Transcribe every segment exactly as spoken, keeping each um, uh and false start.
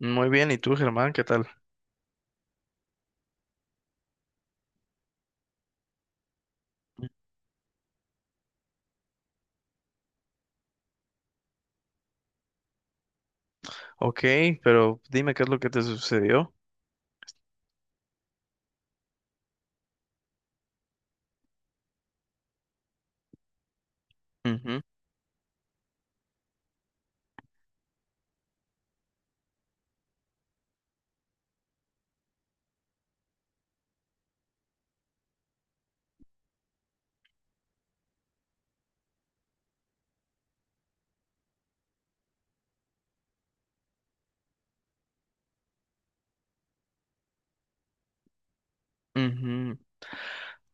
Muy bien, ¿y tú, Germán? ¿Qué tal? Ok, pero dime qué es lo que te sucedió. Ujú, ujú.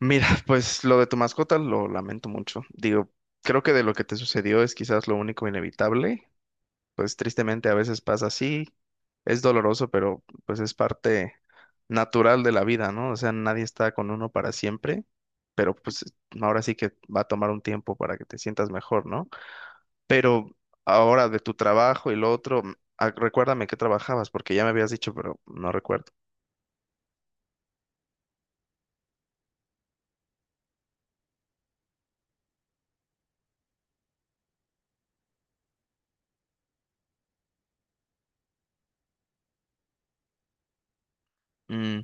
Mira, pues lo de tu mascota lo lamento mucho. Digo, creo que de lo que te sucedió es quizás lo único inevitable. Pues tristemente a veces pasa así. Es doloroso, pero pues es parte natural de la vida, ¿no? O sea, nadie está con uno para siempre, pero pues ahora sí que va a tomar un tiempo para que te sientas mejor, ¿no? Pero ahora de tu trabajo y lo otro, mm, ah, recuérdame qué trabajabas, porque ya me habías dicho, pero no recuerdo. Mm,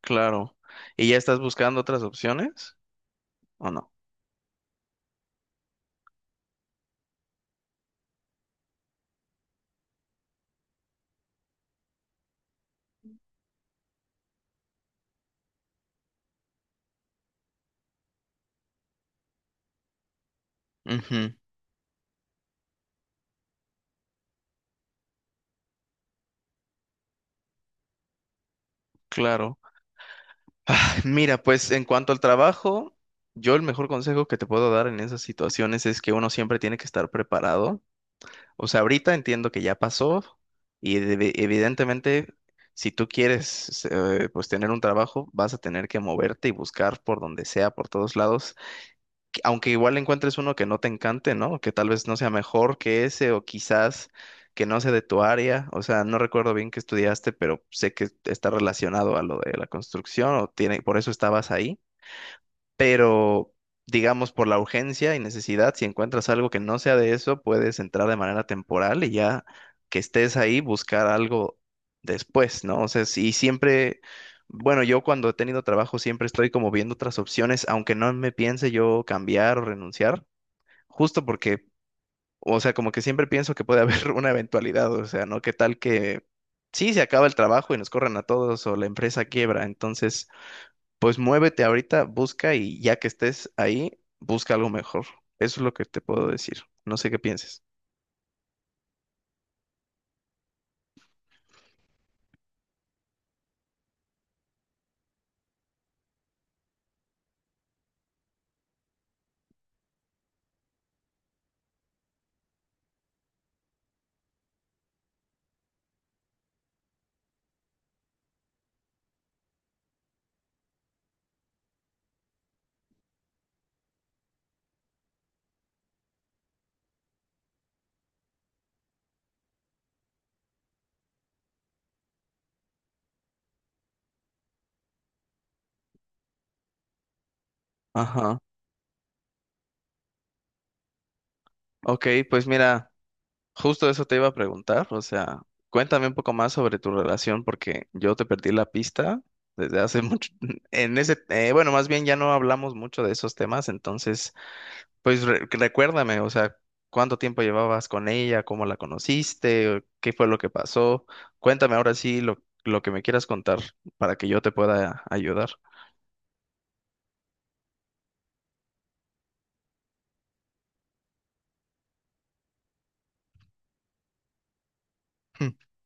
claro. ¿Y ya estás buscando otras opciones o no? Ujú, claro. Mira, pues en cuanto al trabajo, yo el mejor consejo que te puedo dar en esas situaciones es que uno siempre tiene que estar preparado. O sea, ahorita entiendo que ya pasó y debe- evidentemente si tú quieres eh, pues tener un trabajo, vas a tener que moverte y buscar por donde sea, por todos lados, aunque igual encuentres uno que no te encante, ¿no? Que tal vez no sea mejor que ese o quizás que no sea de tu área. O sea, no recuerdo bien qué estudiaste, pero sé que está relacionado a lo de la construcción o tiene, por eso estabas ahí, pero digamos por la urgencia y necesidad, si encuentras algo que no sea de eso, puedes entrar de manera temporal y ya que estés ahí buscar algo después, ¿no? O sea, y siempre, bueno, yo cuando he tenido trabajo siempre estoy como viendo otras opciones, aunque no me piense yo cambiar o renunciar, justo porque, o sea, como que siempre pienso que puede haber una eventualidad, o sea, ¿no? ¿Qué tal que... Sí, se acaba el trabajo y nos corran a todos o la empresa quiebra, entonces pues muévete ahorita, busca y ya que estés ahí, busca algo mejor. Eso es lo que te puedo decir. No sé qué pienses. Ajá. Ok, pues mira, justo eso te iba a preguntar. O sea, cuéntame un poco más sobre tu relación porque yo te perdí la pista desde hace mucho. En ese, eh, bueno, más bien ya no hablamos mucho de esos temas, entonces, pues re- recuérdame, o sea, ¿cuánto tiempo llevabas con ella? ¿Cómo la conociste? ¿Qué fue lo que pasó? Cuéntame ahora sí lo, lo que me quieras contar para que yo te pueda ayudar.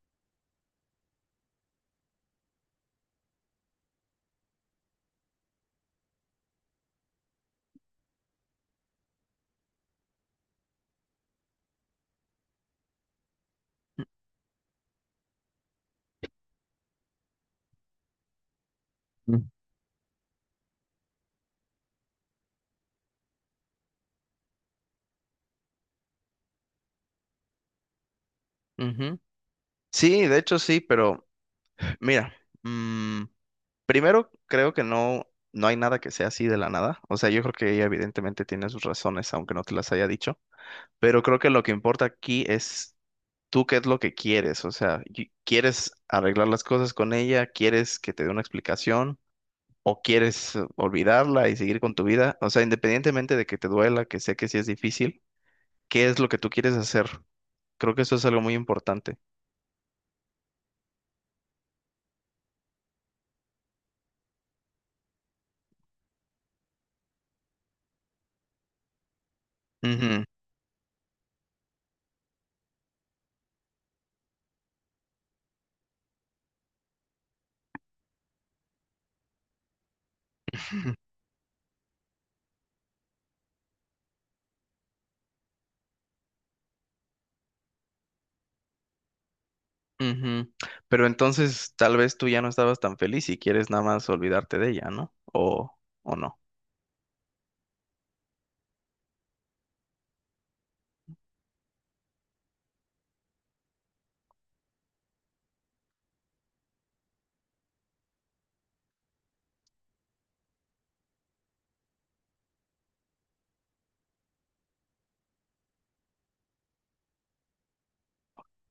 Mm. Ujú. Sí, de hecho sí, pero mira, mm, primero creo que no, no hay nada que sea así de la nada. O sea, yo creo que ella evidentemente tiene sus razones, aunque no te las haya dicho. Pero creo que lo que importa aquí es tú qué es lo que quieres, o sea, y- ¿quieres arreglar las cosas con ella? ¿Quieres que te dé una explicación? ¿O quieres eh, olvidarla y seguir con tu vida? O sea, independientemente de que te duela, que sé que sí es difícil, ¿qué es lo que tú quieres hacer? Creo que eso es algo muy importante. Ujú, ujú. Pero entonces tal vez tú ya no estabas tan feliz y quieres nada más olvidarte de ella, ¿no? ¿O, o no?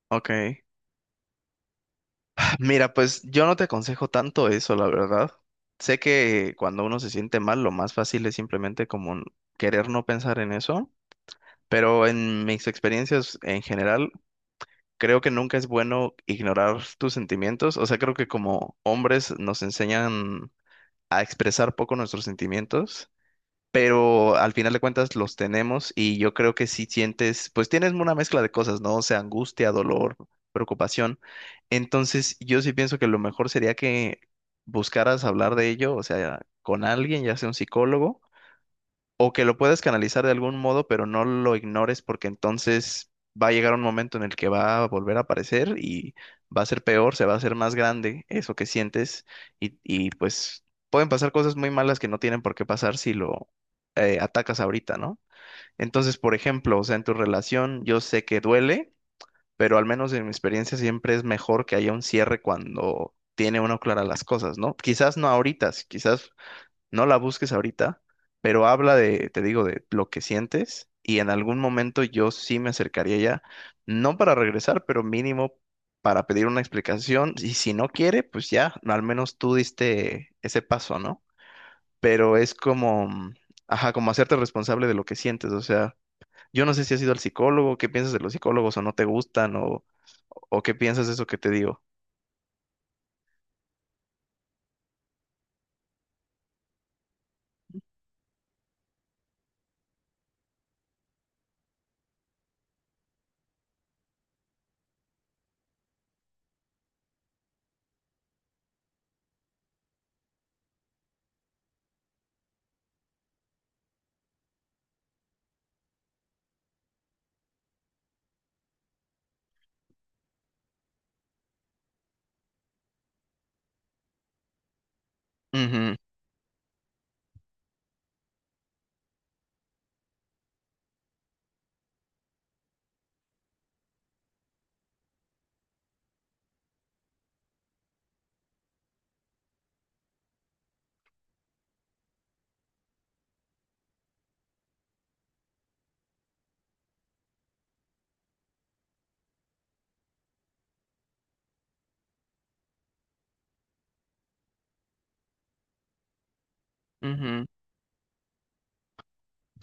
Ok. Mira, pues yo no te aconsejo tanto eso, la verdad. Sé que cuando uno se siente mal, lo más fácil es simplemente como n- querer no pensar en eso, pero en mis experiencias en general, creo que nunca es bueno ignorar tus sentimientos. O sea, creo que como hombres nos enseñan a expresar poco nuestros sentimientos, pero al final de cuentas los tenemos y yo creo que si sientes, pues tienes una mezcla de cosas, ¿no? O sea, angustia, dolor, preocupación. Entonces, yo sí pienso que lo mejor sería que buscaras hablar de ello, o sea, con alguien, ya sea un psicólogo, o que lo puedas canalizar de algún modo, pero no lo ignores, porque entonces va a llegar un momento en el que va a volver a aparecer y va a ser peor, se va a hacer más grande eso que sientes y, y, pues pueden pasar cosas muy malas que no tienen por qué pasar si lo eh, atacas ahorita, ¿no? Entonces, por ejemplo, o sea, en tu relación yo sé que duele, pero al menos en mi experiencia siempre es mejor que haya un cierre cuando... tiene uno clara las cosas, ¿no? Quizás no ahorita, si quizás no la busques ahorita, pero habla de, te digo, de lo que sientes y en algún momento yo sí me acercaría ya, no para regresar, pero mínimo para pedir una explicación y si no quiere, pues ya, al menos tú diste ese paso, ¿no? Pero es como, mm, ajá, como hacerte responsable de lo que sientes, o sea, yo no sé si has ido al psicólogo, qué piensas de los psicólogos, o no te gustan, o, o qué piensas de eso que te digo. Ujú, ujú.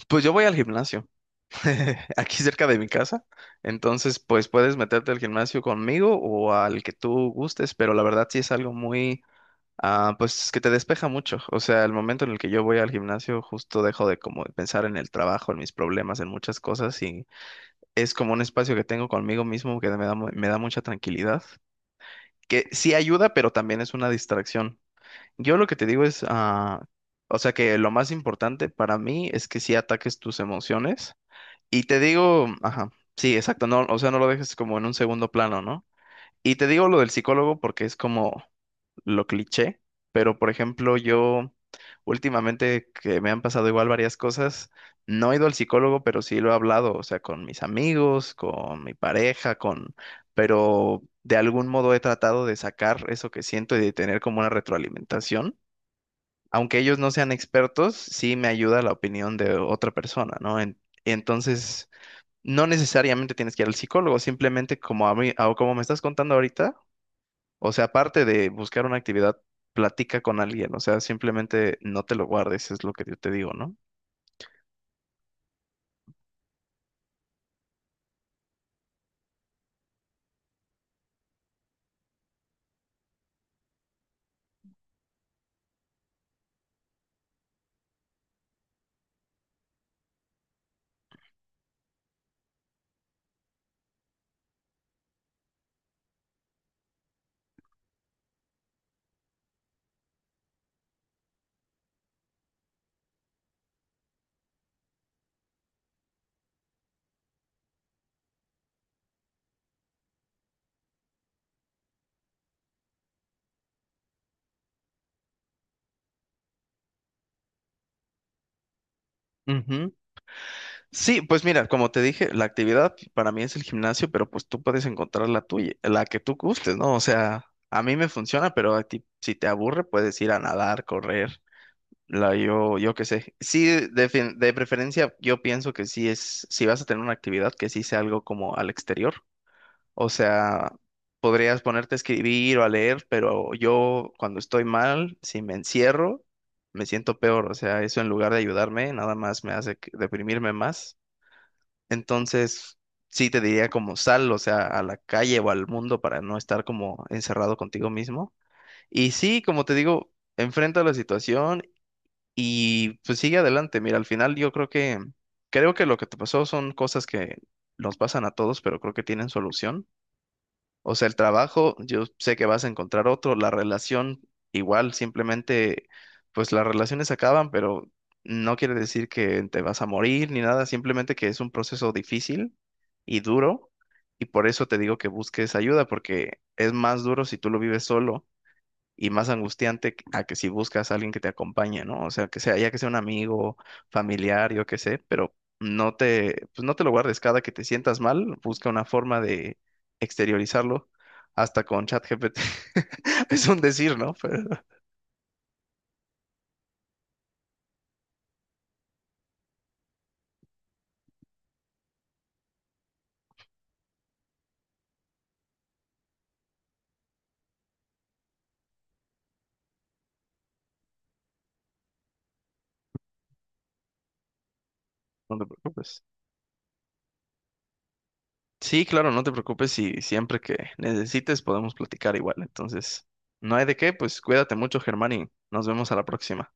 Pues yo voy al gimnasio aquí cerca de mi casa. Entonces, pues puedes meterte al gimnasio conmigo o al que tú gustes, pero la verdad sí es algo muy, ah, pues que te despeja mucho. O sea, el momento en el que yo voy al gimnasio, justo dejo de como de pensar en el trabajo, en mis problemas, en muchas cosas y es como un espacio que tengo conmigo mismo que me da, mu- me da mucha tranquilidad, que sí ayuda, pero también es una distracción. Yo lo que te digo es, ah, o sea, que lo más importante para mí es que sí ataques tus emociones y te digo, ajá, sí, exacto, no, o sea, no lo dejes como en un segundo plano, ¿no? Y te digo lo del psicólogo porque es como lo cliché, pero por ejemplo, yo últimamente que me han pasado igual varias cosas, no he ido al psicólogo, pero sí lo he hablado, o sea, con mis amigos, con mi pareja, con, pero de algún modo he tratado de sacar eso que siento y de tener como una retroalimentación. Aunque ellos no sean expertos, sí me ayuda la opinión de otra persona, ¿no? En- entonces... No necesariamente tienes que ir al psicólogo, simplemente como a mí, o como me estás contando ahorita, o sea, aparte de buscar una actividad, platica con alguien, o sea, simplemente no te lo guardes, es lo que yo te digo, ¿no? Ujú. Sí, pues mira, como te dije, la actividad para mí es el gimnasio, pero pues tú puedes encontrar la tuya, la que tú gustes, ¿no? O sea, a mí me funciona, pero a ti, si te aburre, puedes ir a nadar, correr, la yo, yo qué sé. Sí, de, fin- de preferencia, yo pienso que sí es, si vas a tener una actividad, que sí sea algo como al exterior. O sea, podrías ponerte a escribir o a leer, pero yo cuando estoy mal, si me encierro, me siento peor. O sea, eso en lugar de ayudarme, nada más me hace que- deprimirme más. Entonces, sí te diría como sal, o sea, a la calle o al mundo para no estar como encerrado contigo mismo. Y sí, como te digo, enfrenta la situación y pues sigue adelante. Mira, al final yo creo que, creo que lo que te pasó son cosas que nos pasan a todos, pero creo que tienen solución. O sea, el trabajo, yo sé que vas a encontrar otro, la relación igual, simplemente, pues las relaciones acaban, pero no quiere decir que te vas a morir ni nada, simplemente que es un proceso difícil y duro, y por eso te digo que busques ayuda, porque es más duro si tú lo vives solo y más angustiante que- a que si buscas a alguien que te acompañe, ¿no? O sea, que sea, ya que sea un amigo, familiar, yo qué sé, pero no te, pues no te lo guardes cada que te sientas mal, busca una forma de exteriorizarlo, hasta con ChatGPT. Es un decir, ¿no? Pero no te preocupes. Sí, claro, no te preocupes y siempre que necesites podemos platicar igual. Entonces, no hay de qué, pues cuídate mucho, Germán, y nos vemos a la próxima.